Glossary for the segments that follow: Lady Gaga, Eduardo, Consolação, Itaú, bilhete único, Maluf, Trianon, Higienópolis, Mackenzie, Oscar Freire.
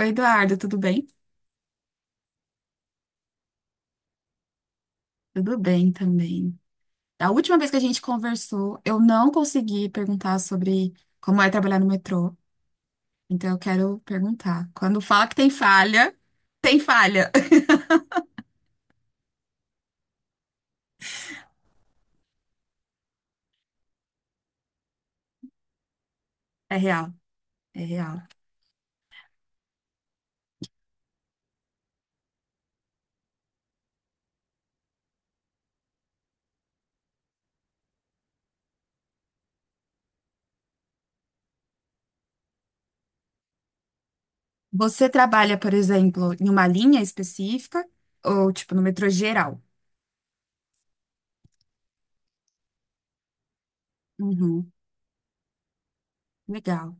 Oi, Eduardo, tudo bem? Tudo bem também. Da última vez que a gente conversou, eu não consegui perguntar sobre como é trabalhar no metrô. Então eu quero perguntar. Quando fala que tem falha, tem falha. É real, é real. Você trabalha, por exemplo, em uma linha específica ou tipo no metrô geral? Uhum, legal.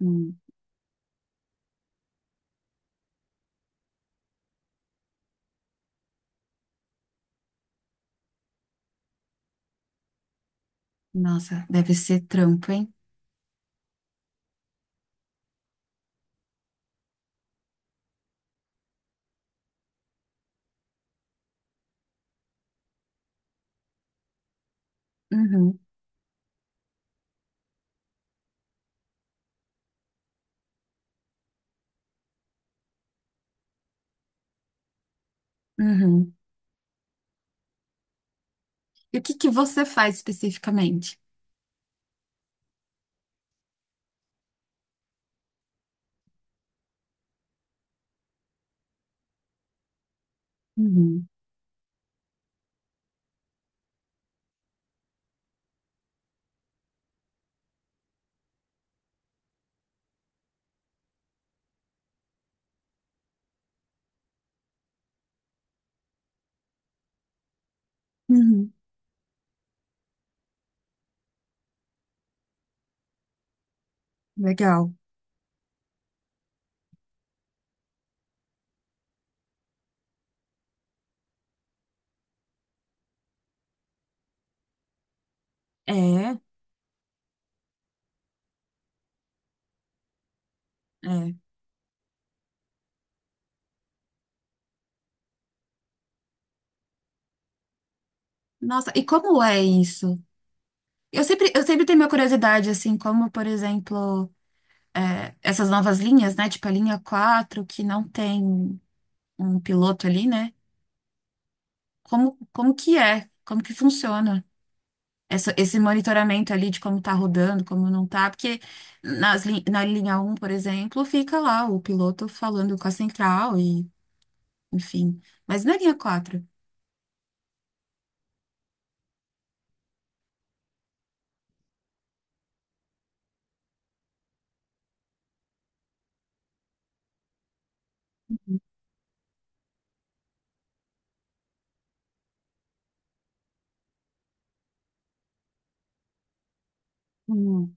Hum, nossa, deve ser trampo, hein? Uhum, uhum. E o que que você faz especificamente? Uhum, uhum, legal. É. É. Nossa, e como é isso? Eu sempre tenho minha curiosidade, assim, como, por exemplo, essas novas linhas, né? Tipo a linha 4 que não tem um piloto ali, né? Como que é? Como que funciona? Esse monitoramento ali de como tá rodando, como não tá, porque na linha um, por exemplo, fica lá o piloto falando com a central e, enfim. Mas na linha quatro. hum,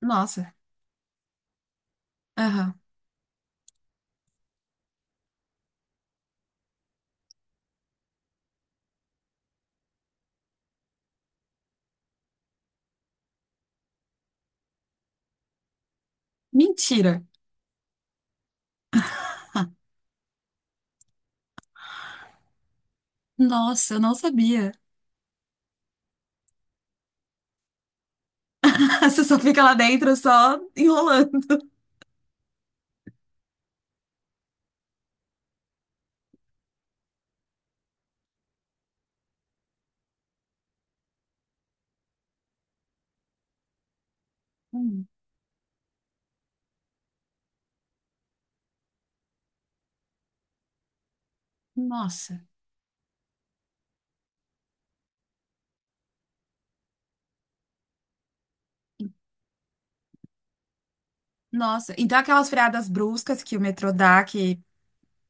nossa, aham. Mentira. Nossa, eu não sabia. Você só fica lá dentro, só enrolando. Hum, Nossa, nossa. Então aquelas freadas bruscas que o metrô dá, que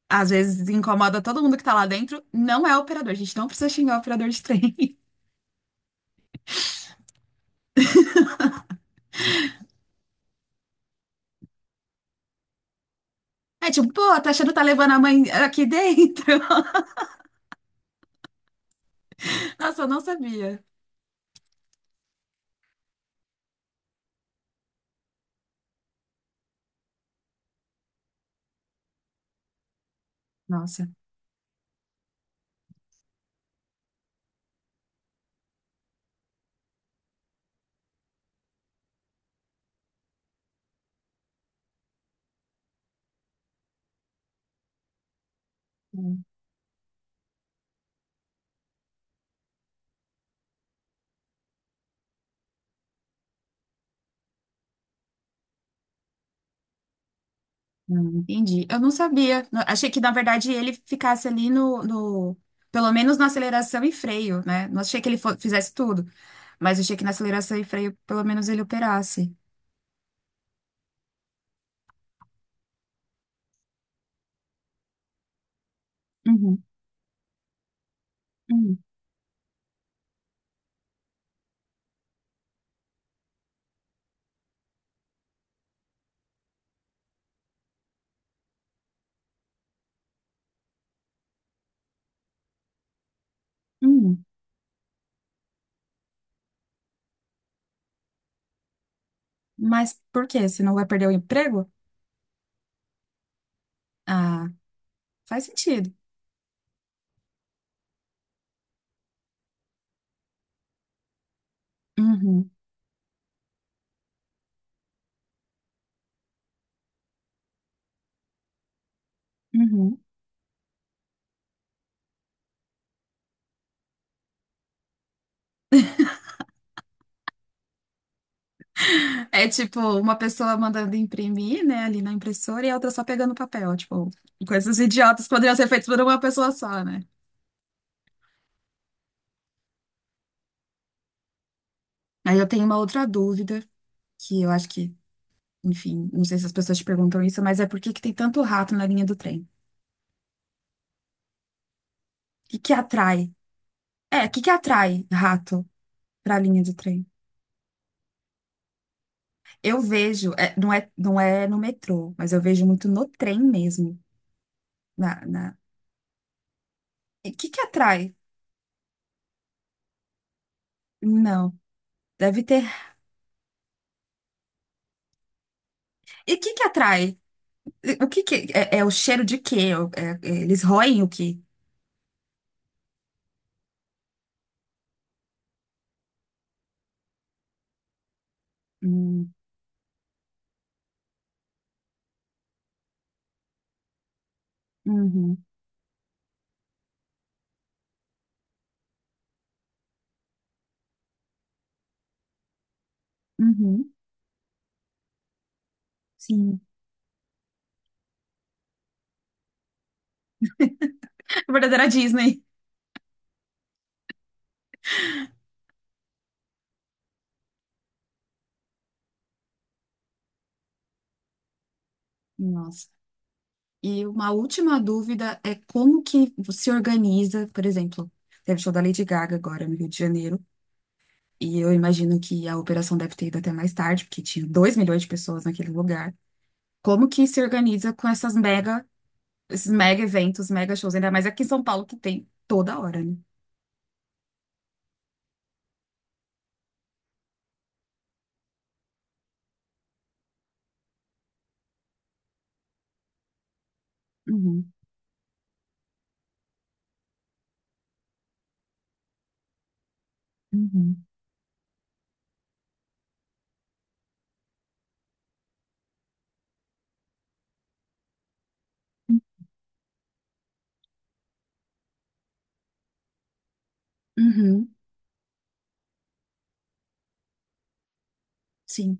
às vezes incomoda todo mundo que tá lá dentro, não é operador. A gente não precisa xingar o operador de trem. É tipo, pô, tá achando que tá levando a mãe aqui dentro? Nossa, eu não sabia. Nossa. Entendi. Eu não sabia. Achei que, na verdade, ele ficasse ali pelo menos na aceleração e freio, né? Não achei que ele fizesse tudo, mas achei que na aceleração e freio, pelo menos ele operasse. Uhum, uhum, uhum. Mas por quê? Você não vai perder o emprego? Ah, faz sentido. Uhum, uhum. É tipo uma pessoa mandando imprimir, né, ali na impressora e a outra só pegando papel. Tipo, coisas idiotas que poderiam ser feitas por uma pessoa só, né? Aí eu tenho uma outra dúvida, que eu acho que, enfim, não sei se as pessoas te perguntam isso, mas é por que que tem tanto rato na linha do trem? O que que atrai? O que que atrai rato para a linha do trem? Eu vejo, não é no metrô, mas eu vejo muito no trem mesmo. Na, na... E o que que atrai? Não, deve ter. E o que que atrai? E o que que é o cheiro de quê? Eles roem o quê? Hum, uhum, uhum, sim. Verdadeira Disney. Nossa. E uma última dúvida é como que se organiza, por exemplo, teve show da Lady Gaga agora no Rio de Janeiro, e eu imagino que a operação deve ter ido até mais tarde, porque tinha 2 milhões de pessoas naquele lugar. Como que se organiza com esses mega eventos, mega shows, ainda mais aqui em São Paulo que tem toda hora, né? Uhum, uhum, uhum, sim,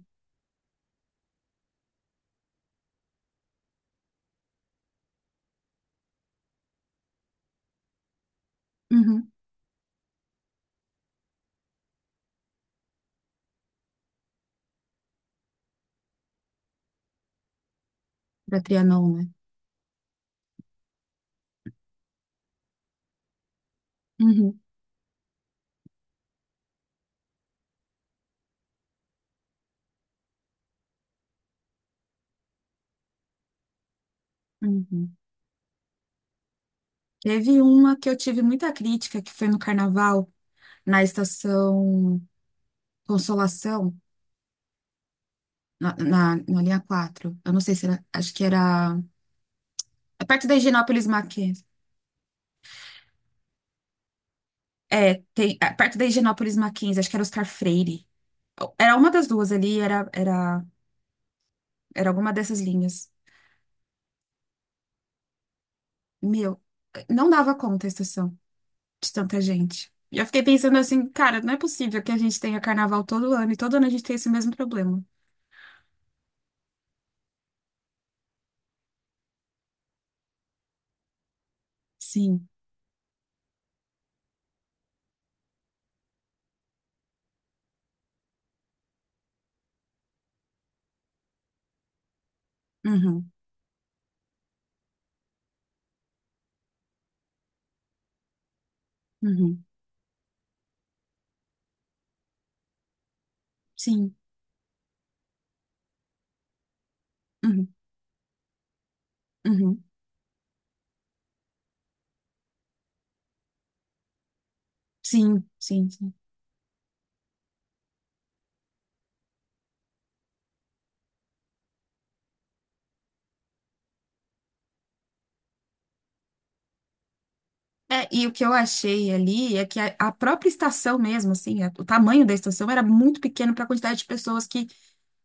uhum, da Trianon, né? Uhum, uhum. Teve uma que eu tive muita crítica, que foi no Carnaval, na estação Consolação. Na linha quatro. Eu não sei se era. Acho que era. É perto da Higienópolis Mackenzie. É, tem. É perto da Higienópolis Mackenzie, acho que era Oscar Freire. Era uma das duas ali, era alguma dessas linhas. Meu, não dava conta a estação de tanta gente. E eu fiquei pensando assim, cara, não é possível que a gente tenha carnaval todo ano e todo ano a gente tem esse mesmo problema. Sim. Uhum. Uhum. Sim. Uhum. Uhum. Sim, sim, sim. É, e o que eu achei ali é que a própria estação mesmo, assim, o tamanho da estação era muito pequeno para a quantidade de pessoas que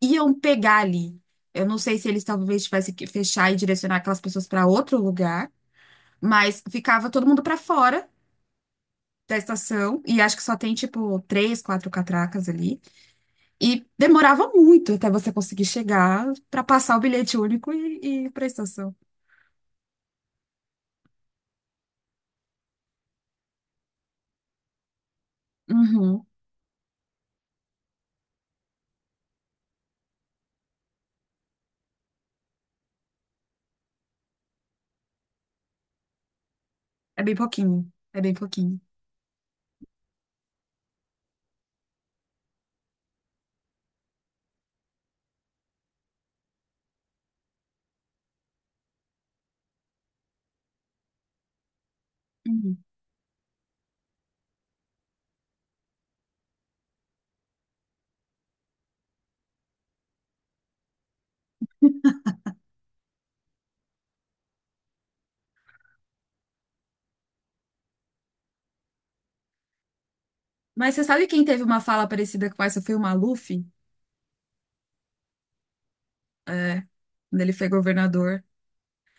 iam pegar ali. Eu não sei se eles talvez tivessem que fechar e direcionar aquelas pessoas para outro lugar, mas ficava todo mundo para fora da estação, e acho que só tem, tipo, três, quatro catracas ali. E demorava muito até você conseguir chegar para passar o bilhete único e ir para a estação. Uhum. É bem pouquinho, é bem pouquinho. Mas você sabe quem teve uma fala parecida com essa? Foi o Maluf, é, quando ele foi governador.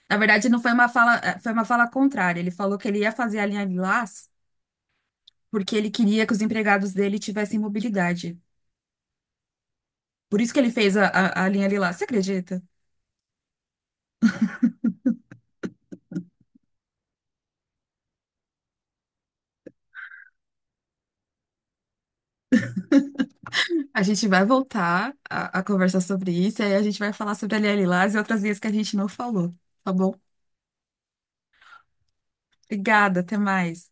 Na verdade, não foi uma fala, foi uma fala contrária. Ele falou que ele ia fazer a linha Lilás porque ele queria que os empregados dele tivessem mobilidade. Por isso que ele fez a linha Lilás. Você acredita? A gente vai voltar a conversar sobre isso e aí a gente vai falar sobre a linha Lilás e outras linhas que a gente não falou, tá bom? Obrigada, até mais.